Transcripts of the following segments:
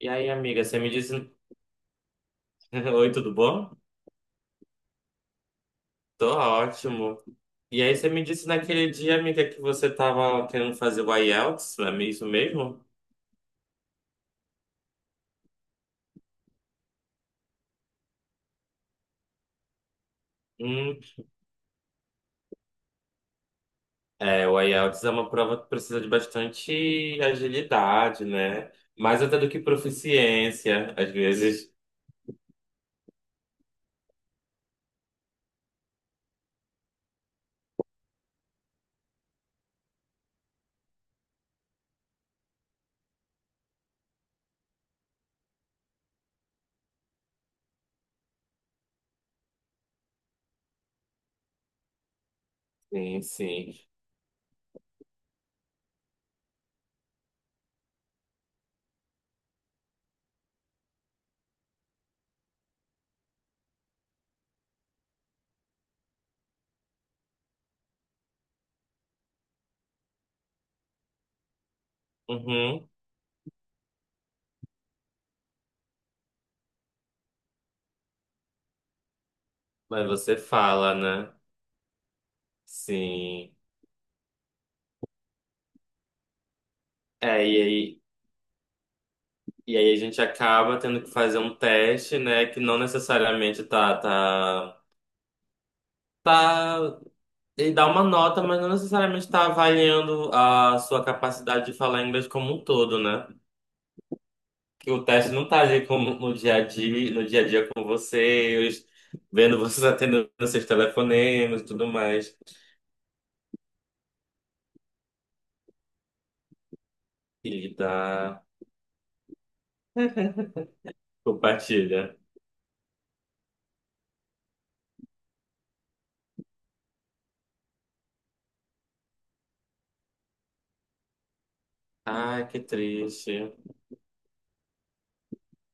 E aí, amiga, você me disse. Oi, tudo bom? Tô ótimo. E aí, você me disse naquele dia, amiga, que você tava querendo fazer o IELTS, não é isso mesmo? Hum. É, o IELTS é uma prova que precisa de bastante agilidade, né? Mais até do que proficiência, às vezes. Sim, sim. Uhum. Mas você fala, né? Sim. É, e aí a gente acaba tendo que fazer um teste, né? Que não necessariamente tá ele dá uma nota, mas não necessariamente está avaliando a sua capacidade de falar inglês como um todo, né? Que o teste não está ali como no dia a dia, no dia a dia com vocês, vendo vocês atendendo seus telefonemas e tudo mais. E dá, compartilha. Ai, que triste.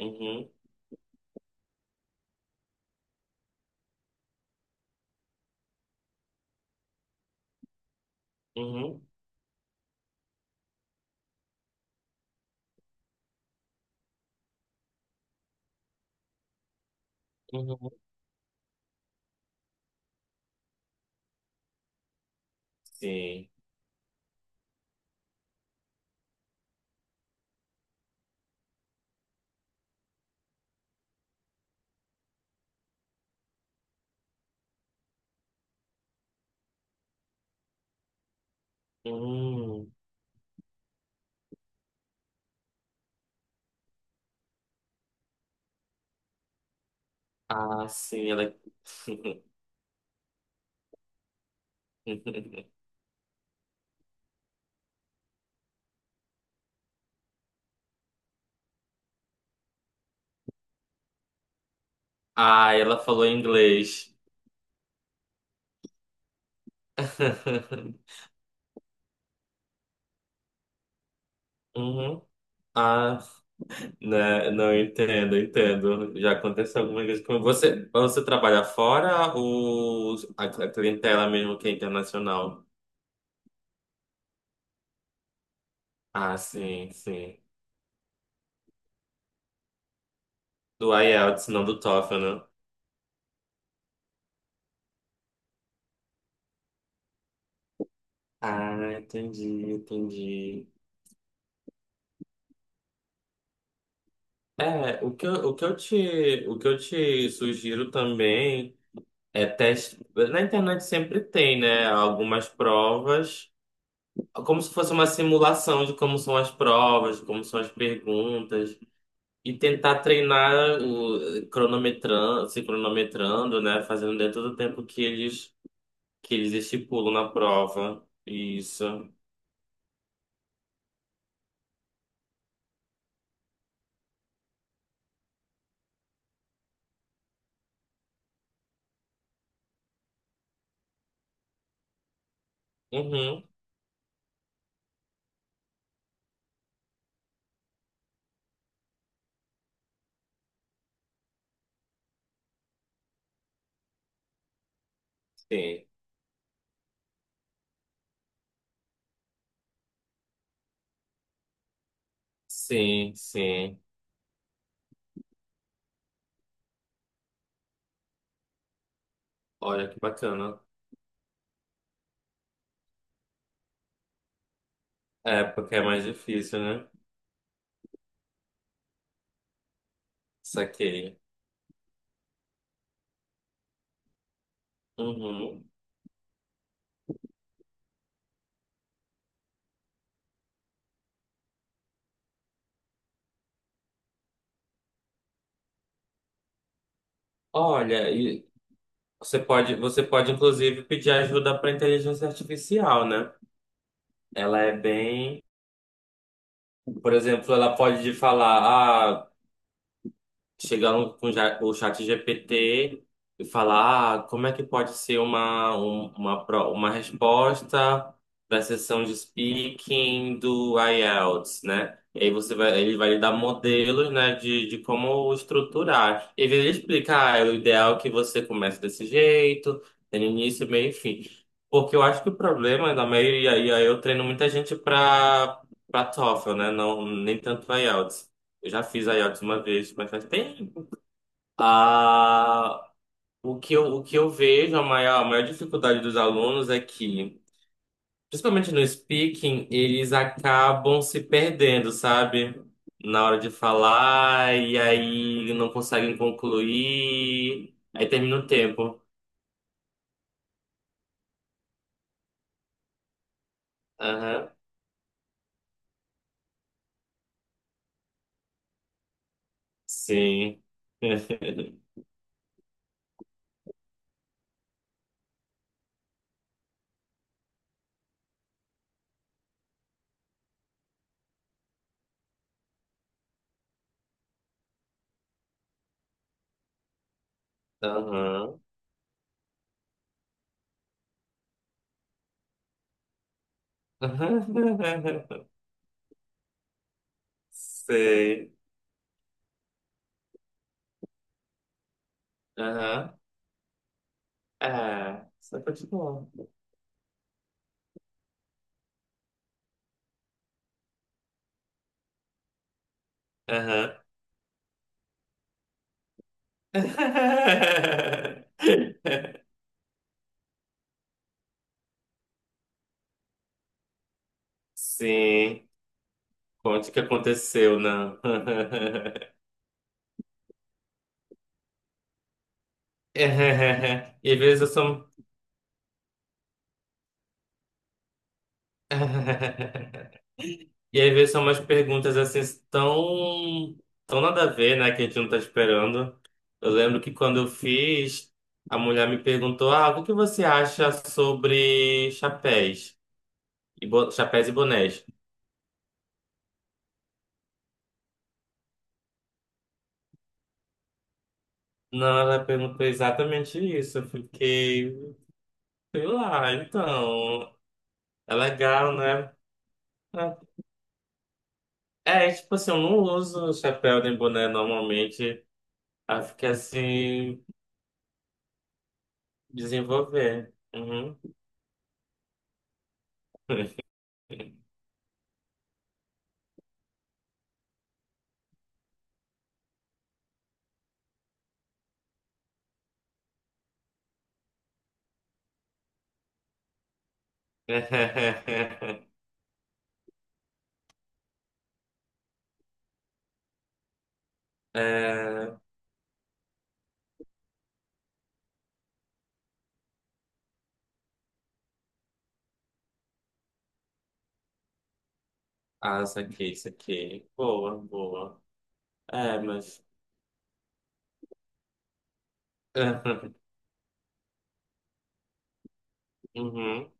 Uhum, uhum, uhum. Sim. Hum. Ah, sim, ela. Ah, ela falou inglês. Uhum. Ah. Né? Não, eu entendo, eu entendo. Já aconteceu algumas vezes com você. Mas você trabalha fora ou a clientela mesmo que é internacional? Ah, sim, sim. Do IELTS, não do TOEFL, né? Ah, entendi, entendi. É, o que eu te sugiro também é teste. Na internet sempre tem, né? Algumas provas, como se fosse uma simulação de como são as provas, como são as perguntas. E tentar treinar se cronometrando, né? Fazendo dentro do tempo que eles estipulam na prova. Isso. Uhum. Sim. Sim, sim. Olha que bacana. É, porque é mais difícil, né? Saquei. Uhum. Olha, e você pode inclusive pedir ajuda para inteligência artificial, né? Ela é bem, por exemplo, ela pode te falar, ah, o chat GPT e falar, ah, como é que pode ser uma, um- uma, pro- uma resposta da sessão de speaking do IELTS, né? E aí você vai, ele vai lhe dar modelos, né, de como estruturar. E aí ele explica, ah, é, o ideal é que você comece desse jeito, tem início, meio e fim. Porque eu acho que o problema da maioria, e aí eu treino muita gente para TOEFL, né? Não, nem tanto IELTS. Eu já fiz IELTS uma vez, mas faz tempo. Ah, o que eu vejo, a maior dificuldade dos alunos é que, principalmente no speaking, eles acabam se perdendo, sabe? Na hora de falar, e aí não conseguem concluir, aí termina o tempo. Aham, sim. Aham. Sei. Aham. É, só continua. Aham. Sim, conte o que aconteceu, não. E às vezes eu sou. E às vezes são umas perguntas assim tão, tão nada a ver, né? Que a gente não tá esperando. Eu lembro que quando eu fiz, a mulher me perguntou: ah, o que você acha sobre chapéus? Chapéus e bonés. Não, ela perguntou exatamente isso. Eu fiquei. Sei lá, então. É legal, né? É, é, tipo assim, eu não uso chapéu nem boné normalmente. Aí fica assim, desenvolver. Uhum. É... Ah, isso aqui, isso aqui. Boa, boa. É, mas. Uhum.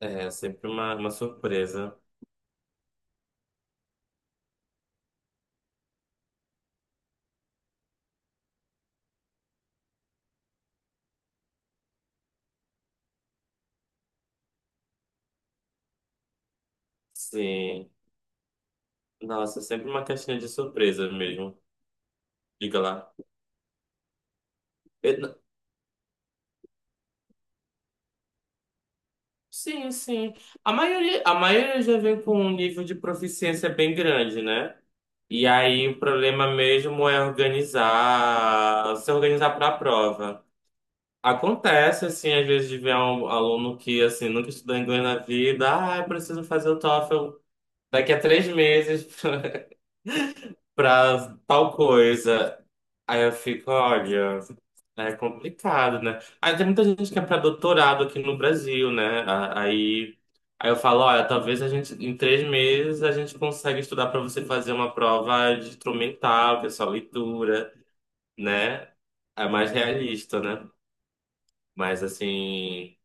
É, sempre uma surpresa. Sim. Nossa, é sempre uma caixinha de surpresa mesmo. Diga lá. Eu não... Sim, sim. A maioria já vem com um nível de proficiência bem grande, né? E aí o problema mesmo é se organizar para a prova. Acontece, assim, às vezes de ver um aluno que, assim, nunca estudou inglês na vida, ah, eu preciso fazer o TOEFL daqui a 3 meses. Pra tal coisa. Aí eu fico, olha, é complicado, né? Aí tem muita gente que é pra doutorado aqui no Brasil, né? Aí, eu falo, olha, talvez a gente, em 3 meses, a gente consegue estudar pra você fazer uma prova de instrumental, que é só leitura, né? É mais realista, né? Mas assim,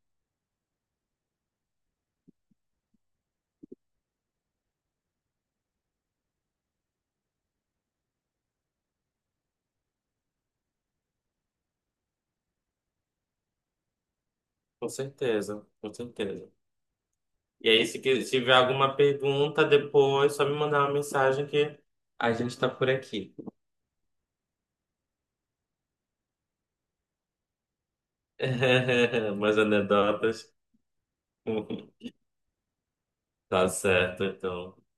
com certeza, com certeza. E aí, se tiver alguma pergunta depois, só me mandar uma mensagem que a gente tá por aqui. Umas anedotas. Tá certo, então.